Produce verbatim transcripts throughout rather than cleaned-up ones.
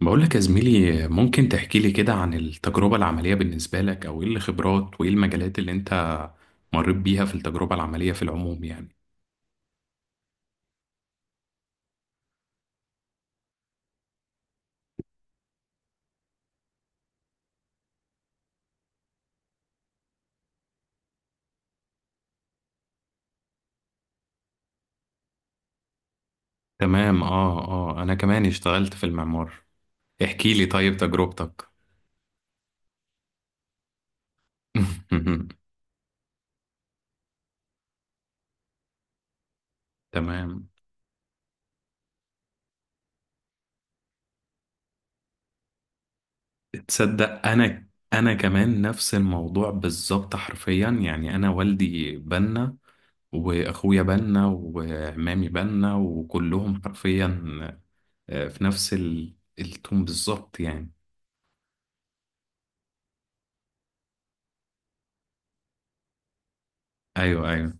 بقولك يا زميلي ممكن تحكي لي كده عن التجربة العملية بالنسبة لك أو إيه الخبرات وإيه المجالات اللي أنت مريت بيها في التجربة العملية في العموم يعني. تمام آه آه أنا كمان اشتغلت في المعمار. احكي لي طيب تجربتك. تمام. تصدق أنا أنا كمان نفس الموضوع بالظبط حرفيا يعني. أنا والدي بنا وأخويا بنا وعمامي بنا وكلهم حرفيا آه، في نفس ال- التوم بالظبط يعني. ايوه ايوه.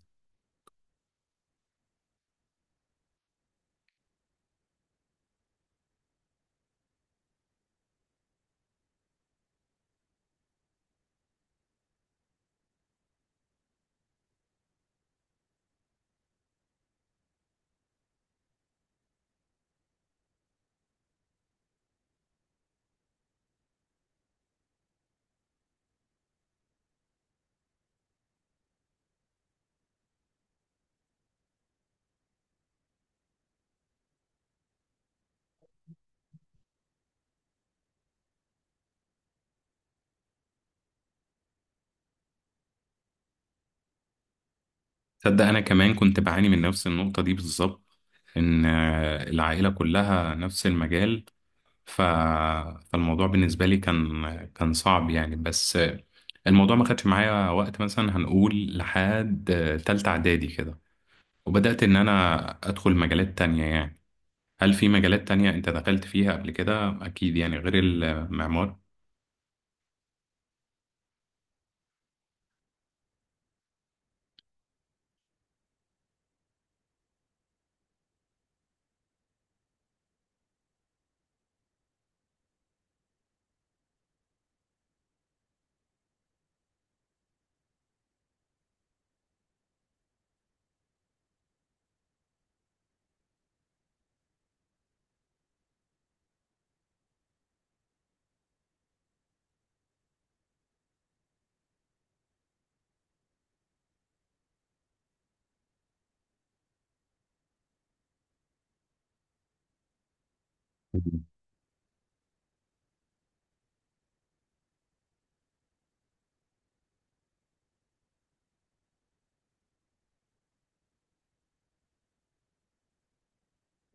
تصدق انا كمان كنت بعاني من نفس النقطه دي بالظبط ان آه، العائله كلها نفس المجال. ف... فالموضوع بالنسبه لي كان كان صعب يعني بس آه، الموضوع ما خدش معايا وقت مثلا هنقول لحد آه، تالتة اعدادي كده وبدات ان انا ادخل مجالات تانية يعني. هل في مجالات تانية انت دخلت فيها قبل كده اكيد يعني غير المعمار؟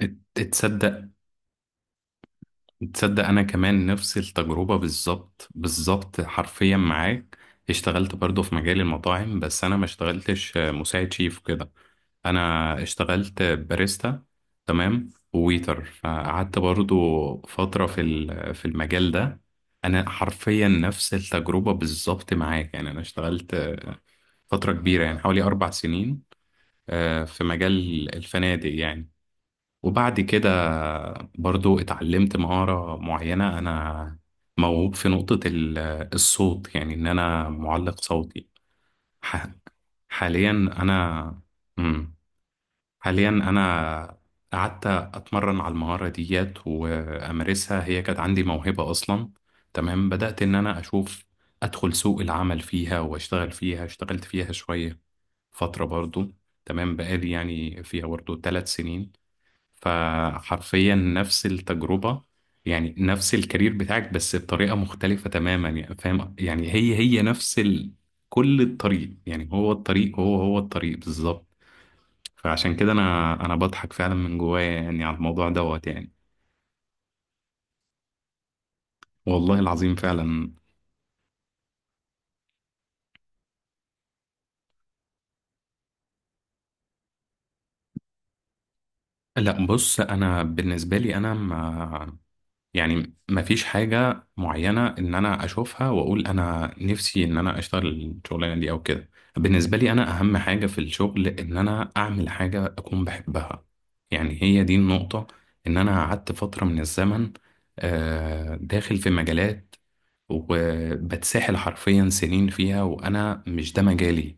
ات- تصدق تصدق انا كمان نفس التجربة بالظبط بالظبط حرفيا معاك. اشتغلت برضو في مجال المطاعم بس انا ما اشتغلتش مساعد شيف كده. انا اشتغلت باريستا تمام وويتر فقعدت برضو فترة في ال- في المجال ده. انا حرفيا نفس التجربة بالظبط معاك يعني. انا اشتغلت فترة كبيرة يعني حوالي اربع سنين آه، في مجال الفنادق يعني. وبعد كده برضو اتعلمت مهارة معينة. أنا موهوب في نقطة ال- آه، الصوت يعني إن أنا معلق صوتي. ح- حاليا أنا. مم. حاليا أنا قعدت أتمرن على المهارة ديت وأمارسها. هي كانت عندي موهبة أصلا تمام. بدأت إن أنا أشوف أدخل سوق العمل فيها وأشتغل فيها. اشتغلت فيها شوية فترة برضو تمام. بقالي يعني فيها برضو ثلاث سنين. فحرفيا نفس التجربة يعني نفس الكارير بتاعك بس بطريقة مختلفة تماما يعني فاهم يعني هي هي نفس ال... كل الطريق يعني. هو الطريق هو هو الطريق بالظبط. فعشان كده انا انا بضحك فعلا من جوايا يعني على الموضوع دوت يعني. والله العظيم فعلا. لا بص انا بالنسبة لي انا يعني مفيش حاجة معينة إن أنا أشوفها وأقول أنا نفسي إن أنا أشتغل الشغلانة دي أو كده. بالنسبة لي أنا أهم حاجة في الشغل إن أنا أعمل حاجة أكون بحبها. يعني هي دي النقطة. إن أنا قعدت فترة من الزمن آه، داخل في مجالات وبتسحل حرفيا سنين فيها وأنا مش ده مجالي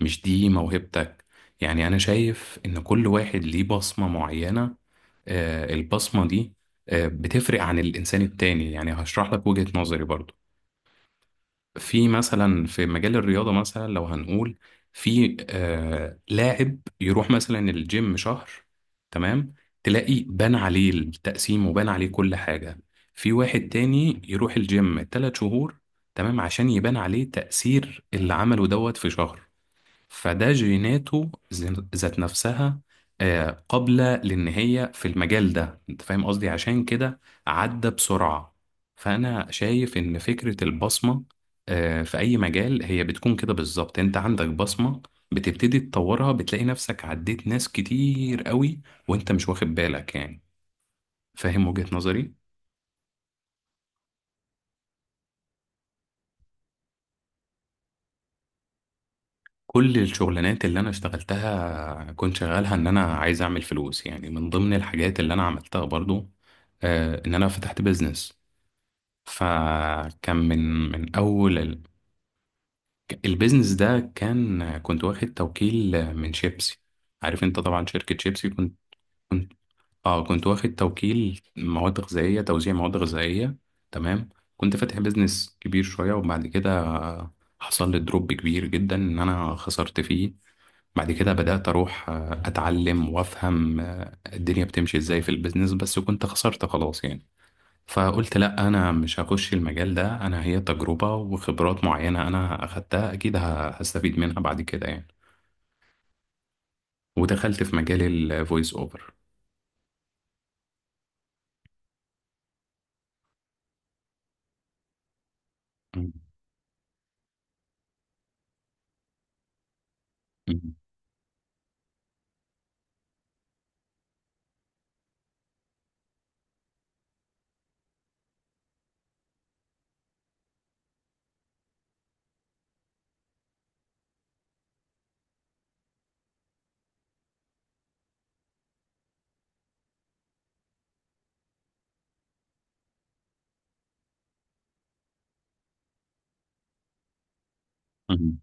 مش دي موهبتك. يعني أنا شايف إن كل واحد ليه بصمة معينة. آه، البصمة دي آه، بتفرق عن الإنسان التاني يعني. هشرح لك وجهة نظري برضو. في مثلا في مجال الرياضة مثلا لو هنقول في آه لاعب يروح مثلا الجيم شهر تمام. تلاقي بان عليه التقسيم وبان عليه كل حاجة. في واحد تاني يروح الجيم تلات شهور تمام عشان يبان عليه تأثير اللي عمله دوت في شهر. فده جيناته ذ- ذات نفسها آه، قابلة لأن هي في المجال ده. أنت فاهم قصدي عشان كده عدى بسرعة. فأنا شايف إن فكرة البصمة آه، في أي مجال هي بتكون كده بالظبط. أنت عندك بصمة بتبتدي تطورها بتلاقي نفسك عديت ناس كتير قوي وأنت مش واخد بالك يعني. فاهم وجهة نظري؟ كل الشغلانات اللي انا اشتغلتها كنت شغالها ان انا عايز اعمل فلوس. يعني من ضمن الحاجات اللي انا عملتها برضو آه، ان انا فتحت بيزنس. فكان من من اول ال- البيزنس ده كان كنت واخد توكيل من شيبسي. عارف انت طبعا شركة شيبسي كنت كنت اه كنت واخد توكيل مواد غذائية توزيع مواد غذائية تمام. كنت فاتح بيزنس كبير شوية وبعد كده حصل لي دروب كبير جدا ان انا خسرت فيه. بعد كده بدأت أروح آه، أتعلم وأفهم آه، الدنيا بتمشي إزاي في البيزنس بس كنت خسرت خلاص يعني. فقلت لأ أنا مش هخش المجال ده. أنا هي تجربة وخبرات معينة أنا أخدتها أكيد ه- هستفيد منها بعد كده يعني. ودخلت في مجال الفويس أوفر. مم. مم.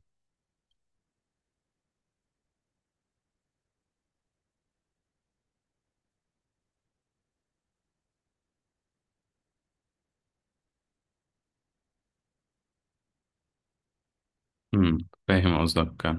مم. فاهم قصدك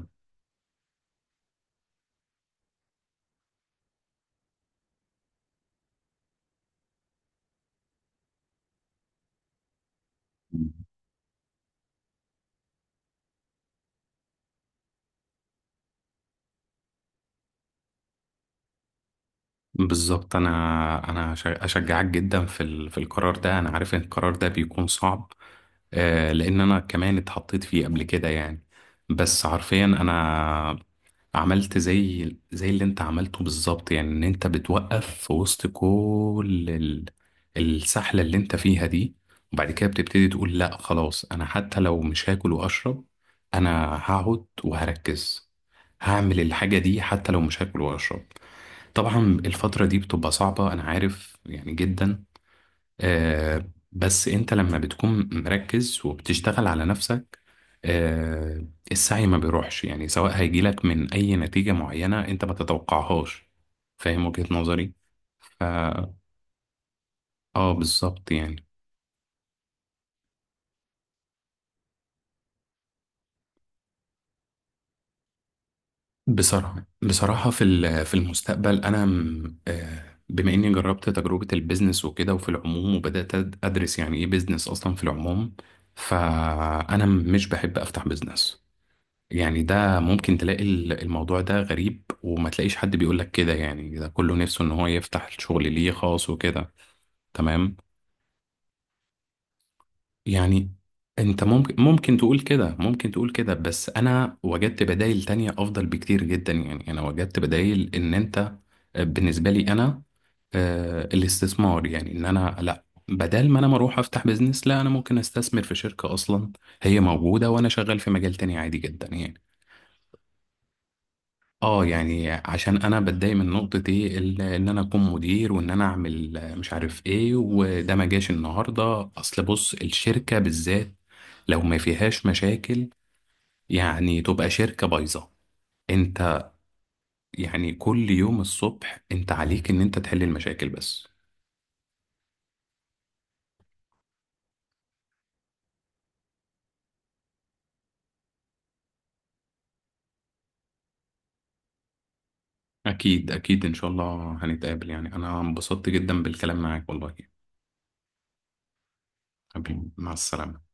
بالظبط. انا انا أش- اشجعك جدا في ال- في القرار ده. انا عارف ان القرار ده بيكون صعب آه، لان انا كمان اتحطيت فيه قبل كده يعني. بس حرفيا انا عملت زي زي اللي انت عملته بالظبط يعني ان انت بتوقف في وسط كل ال- السحلة اللي انت فيها دي. وبعد كده بتبتدي تقول لا خلاص انا حتى لو مش هاكل واشرب انا هقعد وهركز هعمل الحاجة دي حتى لو مش هاكل واشرب. طبعا الفترة دي بتبقى صعبة أنا عارف يعني جدا. آه بس أنت لما بتكون مركز وبتشتغل على نفسك آه السعي ما بيروحش يعني. سواء هيجيلك من أي نتيجة معينة أنت ما تتوقعهاش. فاهم وجهة نظري؟ ف- اه بالظبط يعني. بصراحة بصراحة في ال- في المستقبل أنا م- آه، بما إني جربت تجربة البيزنس وكده وفي العموم وبدأت أد- أدرس يعني إيه بيزنس أصلا في العموم. فأنا م- مش بحب أفتح بيزنس. يعني ده ممكن تلاقي ال- الموضوع ده غريب وما تلاقيش حد بيقولك كده يعني ده كله نفسه إن هو يفتح الشغل ليه خاص وكده تمام. يعني انت ممكن ممكن تقول كده ممكن تقول كده بس انا وجدت بدائل تانية افضل بكتير جدا يعني انا وجدت بدائل ان انت آه، بالنسبة لي انا آه، الاستثمار يعني ان انا لا بدل ما انا ما اروح افتح بيزنس لا انا ممكن استثمر في شركة اصلا هي موجودة وانا شغال في مجال تاني عادي جدا يعني. اه يعني عشان انا بتضايق من نقطة ايه ال- ان انا اكون مدير وان انا اعمل مش عارف ايه وده ما جاش النهاردة اصل بص الشركة بالذات لو ما فيهاش مشاكل يعني تبقى شركة بايظة. انت يعني كل يوم الصبح انت عليك ان انت تحل المشاكل بس. اكيد اكيد ان شاء الله هنتقابل يعني انا انبسطت جدا بالكلام معاك والله. حبيبي مع السلامة.